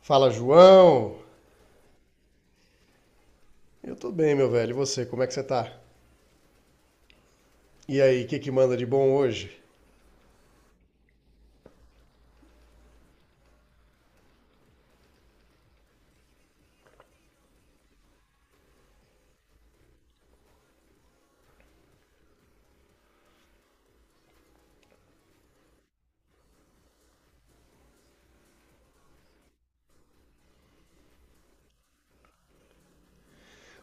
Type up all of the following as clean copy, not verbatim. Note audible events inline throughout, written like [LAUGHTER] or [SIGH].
Fala, João! Eu tô bem, meu velho. E você, como é que você tá? E aí, o que que manda de bom hoje?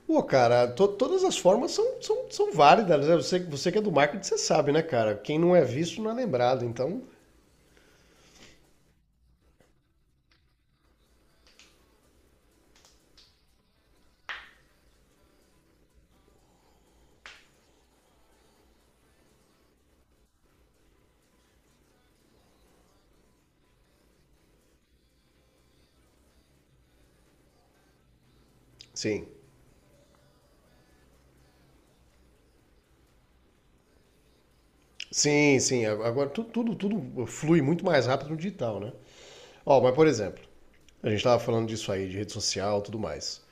Pô, cara, todas as formas são válidas, né? Você que é do marketing, você sabe, né, cara? Quem não é visto não é lembrado, então... Sim, sim, sim. Agora tudo flui muito mais rápido no digital, né? Ó, mas por exemplo, a gente tava falando disso aí, de rede social e tudo mais.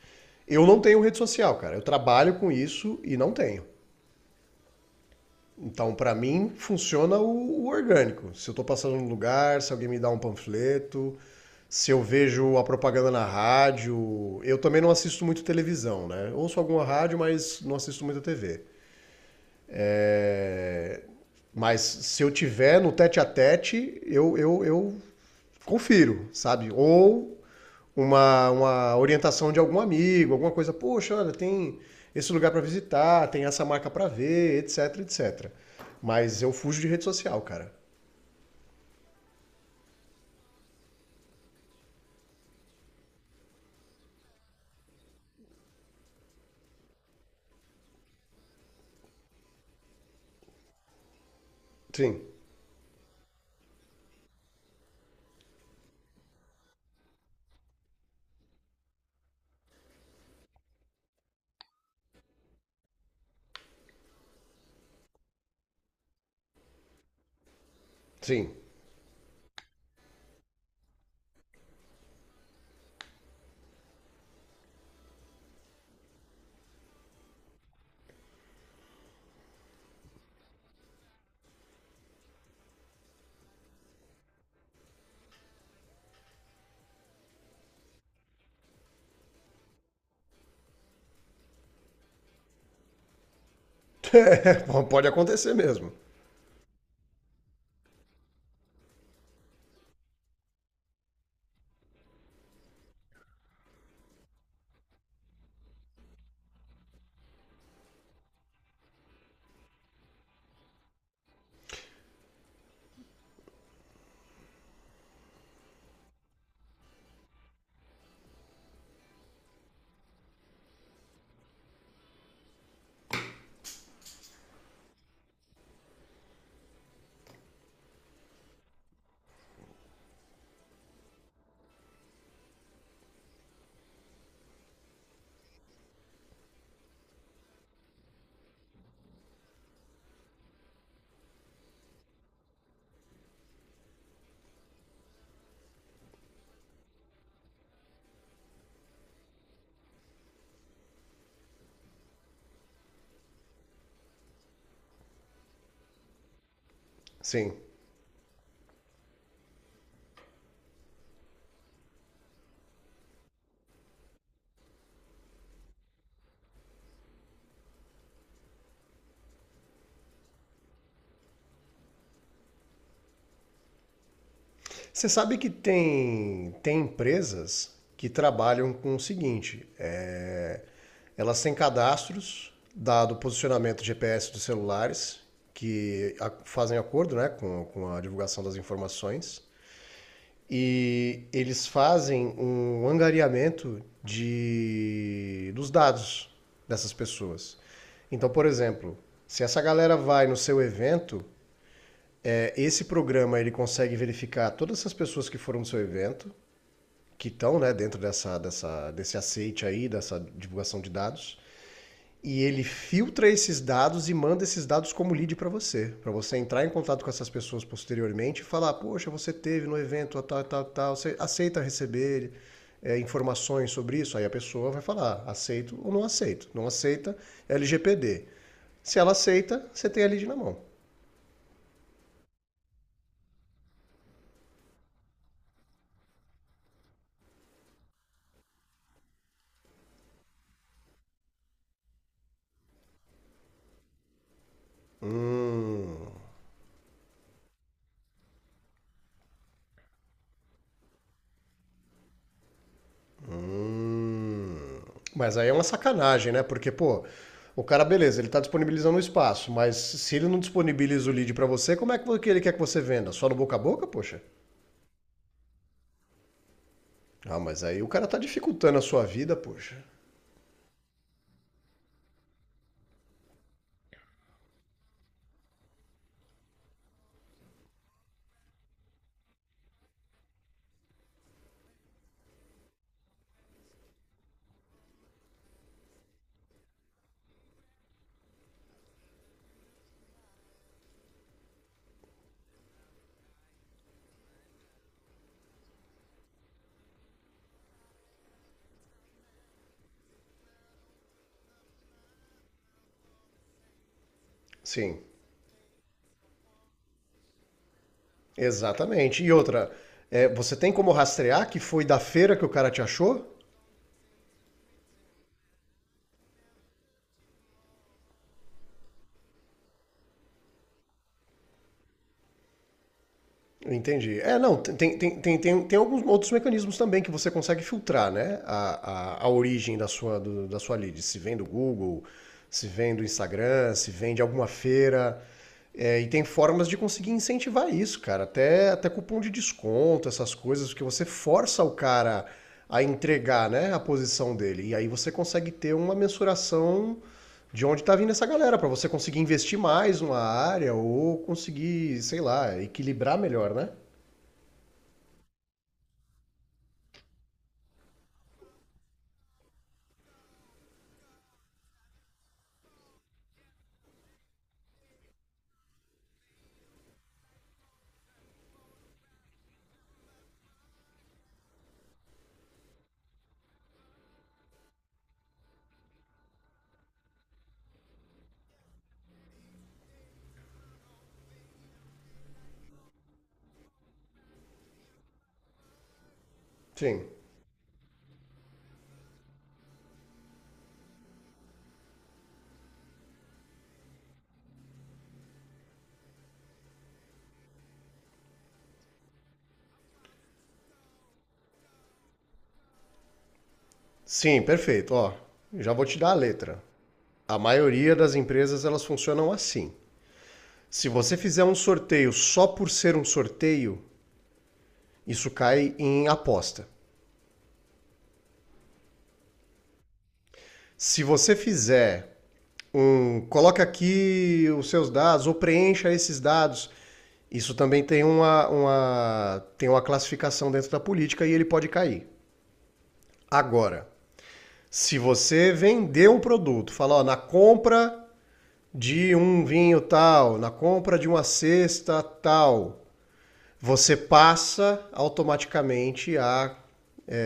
Eu não tenho rede social, cara. Eu trabalho com isso e não tenho. Então, para mim, funciona o orgânico. Se eu estou passando num lugar, se alguém me dá um panfleto, se eu vejo a propaganda na rádio. Eu também não assisto muito televisão, né? Ouço alguma rádio, mas não assisto muito a TV. É, Mas se eu tiver no tete a tete, eu confiro, sabe? Ou uma orientação de algum amigo, alguma coisa. Poxa, olha, tem esse lugar para visitar, tem essa marca para ver, etc, etc. Mas eu fujo de rede social, cara. Sim, sim. [LAUGHS] Pode acontecer mesmo. Sim. Você sabe que tem empresas que trabalham com o seguinte: elas têm cadastros, dado o posicionamento GPS dos celulares, que fazem acordo, né, com a divulgação das informações. E eles fazem um angariamento de dos dados dessas pessoas. Então, por exemplo, se essa galera vai no seu evento, esse programa ele consegue verificar todas essas pessoas que foram no seu evento, que estão, né, dentro dessa, desse aceite aí, dessa divulgação de dados, e ele filtra esses dados e manda esses dados como lead para você entrar em contato com essas pessoas posteriormente e falar, poxa, você teve no evento tal, tal, tal, você aceita receber informações sobre isso? Aí a pessoa vai falar, aceito ou não aceito. Não aceita, LGPD. Se ela aceita, você tem a lead na mão. Hum. Mas aí é uma sacanagem, né? Porque, pô, o cara, beleza, ele tá disponibilizando o espaço, mas se ele não disponibiliza o lead pra você, como é que ele quer que você venda? Só no boca a boca, poxa? Ah, mas aí o cara tá dificultando a sua vida, poxa. Sim, exatamente. E outra, é, você tem como rastrear que foi da feira que o cara te achou? Entendi. É, não, tem alguns outros mecanismos também que você consegue filtrar, né? A origem da sua, da sua lead. Se vem do Google, se vem do Instagram, se vem de alguma feira. É, e tem formas de conseguir incentivar isso, cara. Até cupom de desconto, essas coisas, que você força o cara a entregar, né, a posição dele. E aí você consegue ter uma mensuração de onde está vindo essa galera, para você conseguir investir mais numa área ou conseguir, sei lá, equilibrar melhor, né? Sim. Sim, perfeito. Ó, já vou te dar a letra. A maioria das empresas elas funcionam assim. Se você fizer um sorteio só por ser um sorteio, isso cai em aposta. Se você fizer um, coloca aqui os seus dados ou preencha esses dados, isso também tem tem uma classificação dentro da política e ele pode cair. Agora, se você vender um produto, falar, ó, na compra de um vinho tal, na compra de uma cesta tal, você passa automaticamente a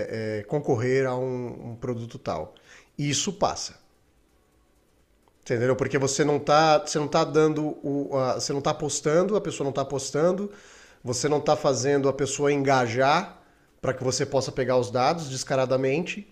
concorrer a um, um produto tal. Isso passa. Entendeu? Porque você não tá dando você não tá apostando, a pessoa não está apostando, você não está fazendo a pessoa engajar para que você possa pegar os dados descaradamente.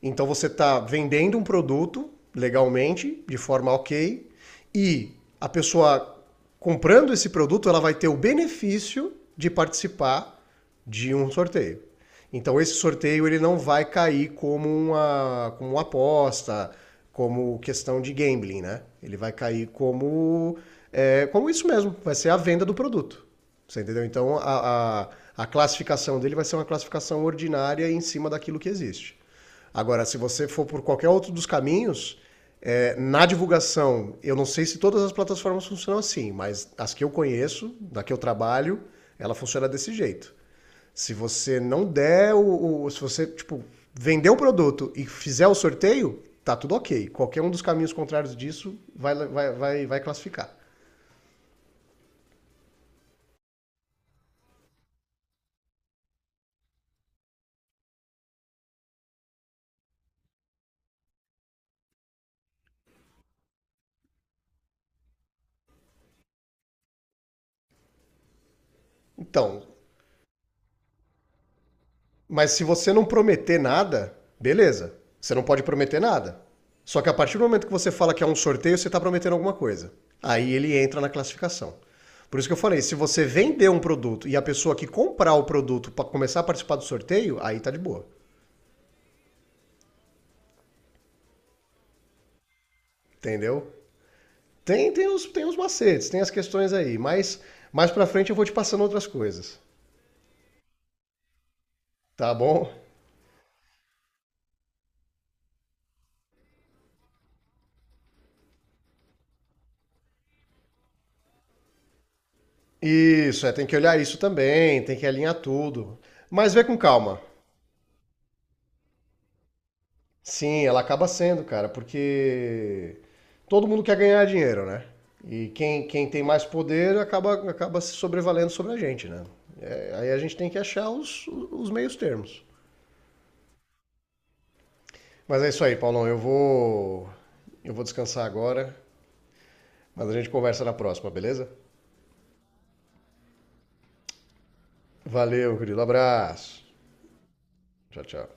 Então você está vendendo um produto legalmente, de forma ok, e a pessoa comprando esse produto, ela vai ter o benefício de participar de um sorteio. Então esse sorteio ele não vai cair como uma aposta, como questão de gambling, né? Ele vai cair como como isso mesmo, vai ser a venda do produto. Você entendeu? Então a classificação dele vai ser uma classificação ordinária em cima daquilo que existe. Agora, se você for por qualquer outro dos caminhos, na divulgação, eu não sei se todas as plataformas funcionam assim, mas as que eu conheço, da que eu trabalho, ela funciona desse jeito. Se você não der se você, tipo, vender o produto e fizer o sorteio, tá tudo ok. Qualquer um dos caminhos contrários disso vai classificar. Então, mas se você não prometer nada, beleza. Você não pode prometer nada. Só que a partir do momento que você fala que é um sorteio, você está prometendo alguma coisa. Aí ele entra na classificação. Por isso que eu falei, se você vender um produto e a pessoa que comprar o produto para começar a participar do sorteio, aí tá de boa. Entendeu? Tem, tem os macetes, tem as questões aí, mas mais pra frente eu vou te passando outras coisas. Tá bom? Isso, é, tem que olhar isso também, tem que alinhar tudo. Mas vê com calma. Sim, ela acaba sendo, cara, porque todo mundo quer ganhar dinheiro, né? E quem tem mais poder acaba, acaba se sobrevalendo sobre a gente, né? É, aí a gente tem que achar os meios termos. Mas é isso aí, Paulão. Eu vou descansar agora, mas a gente conversa na próxima, beleza? Valeu, querido. Abraço. Tchau, tchau.